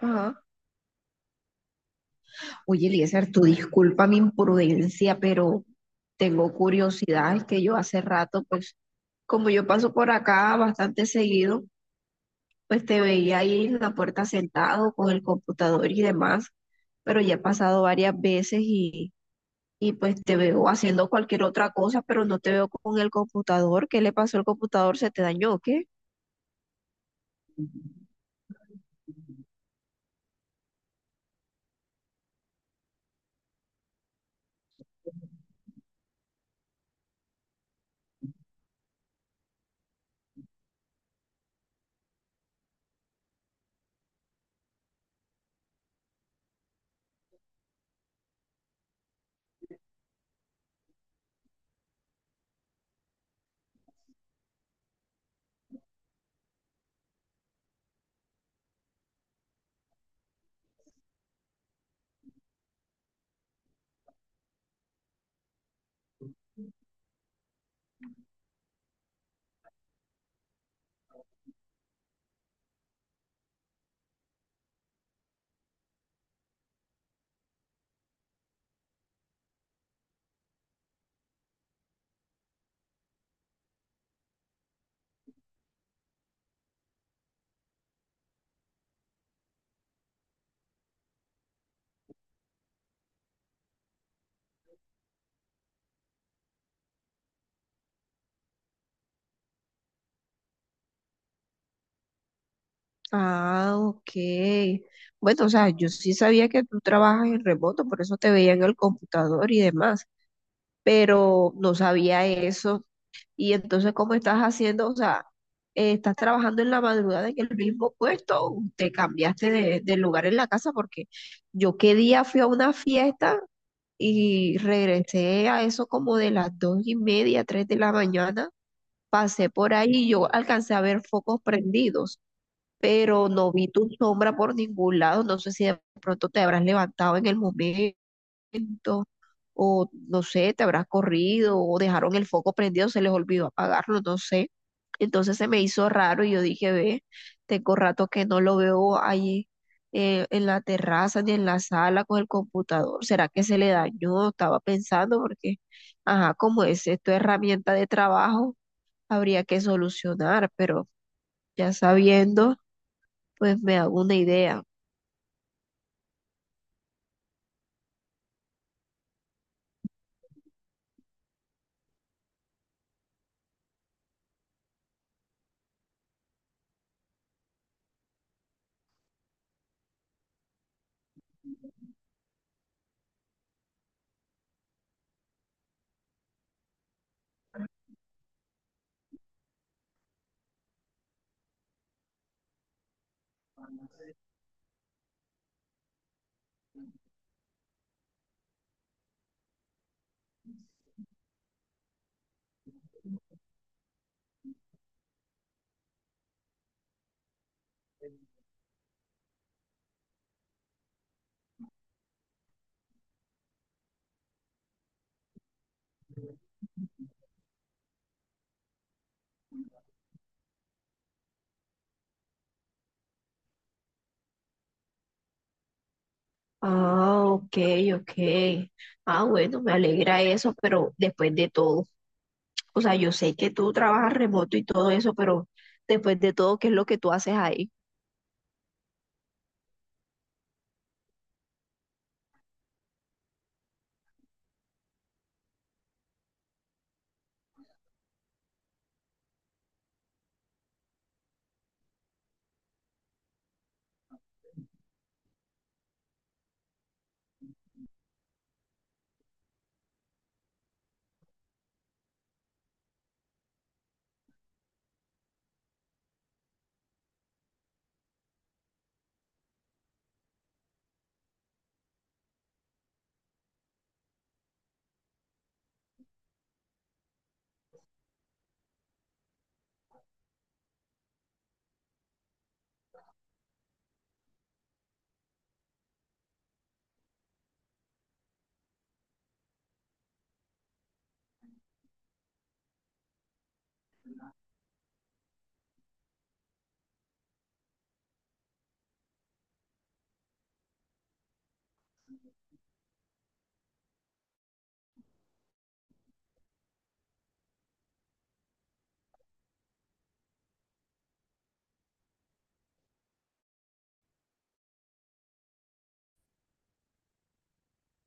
Ajá. Oye, Eliezer, tú disculpa mi imprudencia, pero tengo curiosidad. Es que yo hace rato, pues, como yo paso por acá bastante seguido, pues te veía ahí en la puerta sentado con el computador y demás, pero ya he pasado varias veces y pues te veo haciendo cualquier otra cosa, pero no te veo con el computador. ¿Qué le pasó al computador? ¿Se te dañó o qué? Ah, ok. Bueno, o sea, yo sí sabía que tú trabajas en remoto, por eso te veía en el computador y demás, pero no sabía eso. Y entonces, ¿cómo estás haciendo? O sea, estás trabajando en la madrugada en el mismo puesto, o te cambiaste de lugar en la casa, porque yo qué día fui a una fiesta y regresé a eso como de las 2:30, 3 de la mañana, pasé por ahí y yo alcancé a ver focos prendidos, pero no vi tu sombra por ningún lado. No sé si de pronto te habrás levantado en el momento o no sé, te habrás corrido o dejaron el foco prendido, se les olvidó apagarlo, no sé. Entonces se me hizo raro y yo dije, ve, tengo rato que no lo veo ahí, en la terraza ni en la sala con el computador. ¿Será que se le dañó? Estaba pensando porque, ajá, como es esto herramienta de trabajo, habría que solucionar, pero ya sabiendo, pues me hago una idea. Ah, ok, ok. Ah, bueno, me alegra eso, pero después de todo. O sea, yo sé que tú trabajas remoto y todo eso, pero después de todo, ¿qué es lo que tú haces ahí?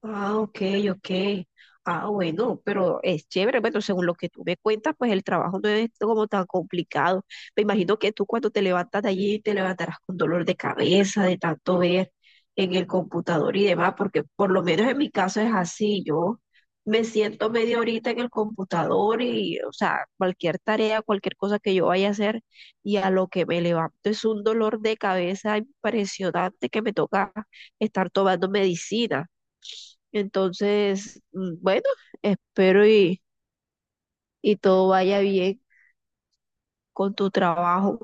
Ah, ok, ok. Ah, bueno, pero es chévere. Bueno, según lo que tú me cuentas, pues el trabajo no es como tan complicado. Me imagino que tú cuando te levantas de allí te levantarás con dolor de cabeza, de tanto ver en el computador y demás, porque por lo menos en mi caso es así. Yo me siento media horita en el computador y, o sea, cualquier tarea, cualquier cosa que yo vaya a hacer, y a lo que me levanto es un dolor de cabeza impresionante que me toca estar tomando medicina. Entonces, bueno, espero y todo vaya bien con tu trabajo.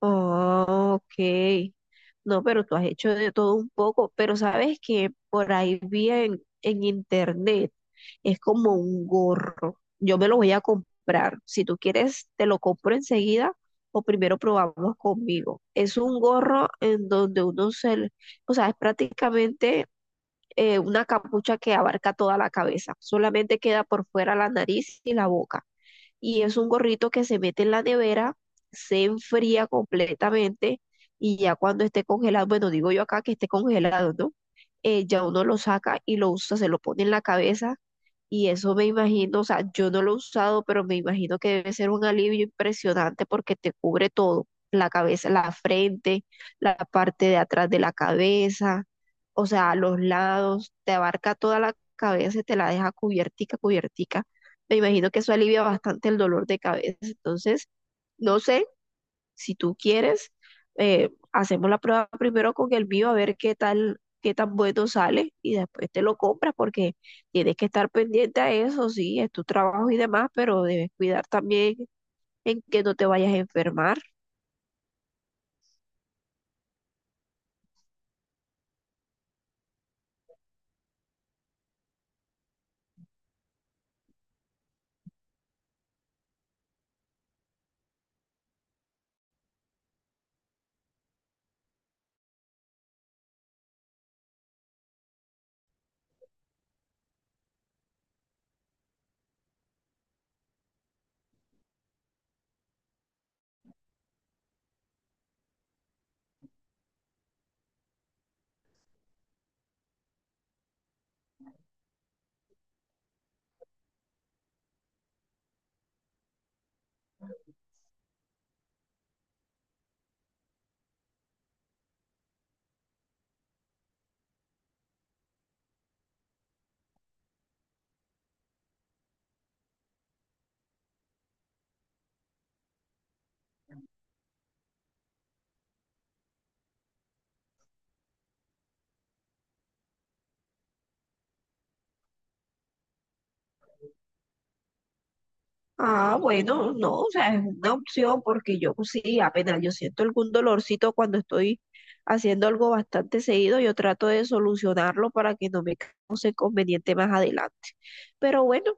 Oh, ok. No, pero tú has hecho de todo un poco, pero sabes que por ahí vi en internet, es como un gorro. Yo me lo voy a comprar. Si tú quieres, te lo compro enseguida o primero probamos conmigo. Es un gorro en donde uno o sea, es prácticamente una capucha que abarca toda la cabeza, solamente queda por fuera la nariz y la boca. Y es un gorrito que se mete en la nevera, se enfría completamente y ya cuando esté congelado, bueno, digo yo acá que esté congelado, ¿no? Ya uno lo saca y lo usa, se lo pone en la cabeza y eso me imagino, o sea, yo no lo he usado, pero me imagino que debe ser un alivio impresionante porque te cubre todo, la cabeza, la frente, la parte de atrás de la cabeza, o sea, los lados, te abarca toda la cabeza y te la deja cubiertica, cubiertica. Me imagino que eso alivia bastante el dolor de cabeza. Entonces, no sé, si tú quieres, hacemos la prueba primero con el mío a ver qué tal, qué tan bueno sale y después te lo compras porque tienes que estar pendiente a eso, sí, es tu trabajo y demás, pero debes cuidar también en que no te vayas a enfermar. Ah, bueno, no, o sea, es una opción porque yo pues, sí, apenas yo siento algún dolorcito cuando estoy haciendo algo bastante seguido, yo trato de solucionarlo para que no me cause inconveniente más adelante. Pero bueno.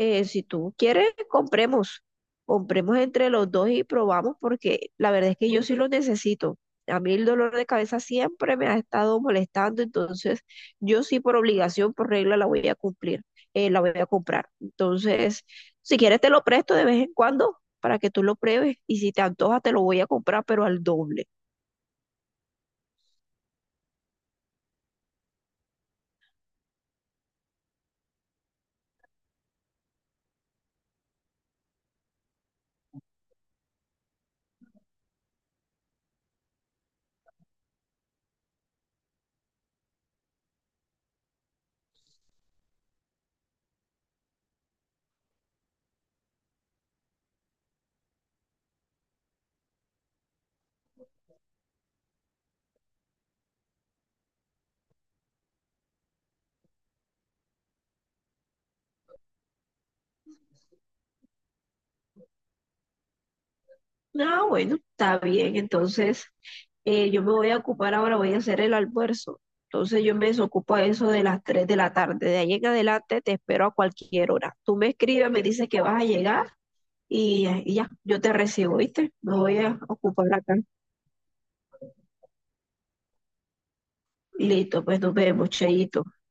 Si tú quieres, compremos. Compremos entre los dos y probamos porque la verdad es que yo sí lo necesito. A mí el dolor de cabeza siempre me ha estado molestando, entonces yo sí por obligación, por regla, la voy a cumplir, la voy a comprar. Entonces, si quieres te lo presto de vez en cuando para que tú lo pruebes y si te antoja te lo voy a comprar, pero al doble. Ah, bueno, está bien. Entonces, yo me voy a ocupar ahora, voy a hacer el almuerzo. Entonces, yo me desocupo a eso de las 3 de la tarde. De ahí en adelante te espero a cualquier hora. Tú me escribes, me dices que vas a llegar y ya, yo te recibo, ¿viste? Me voy a ocupar acá. Listo, pues nos vemos, cheito.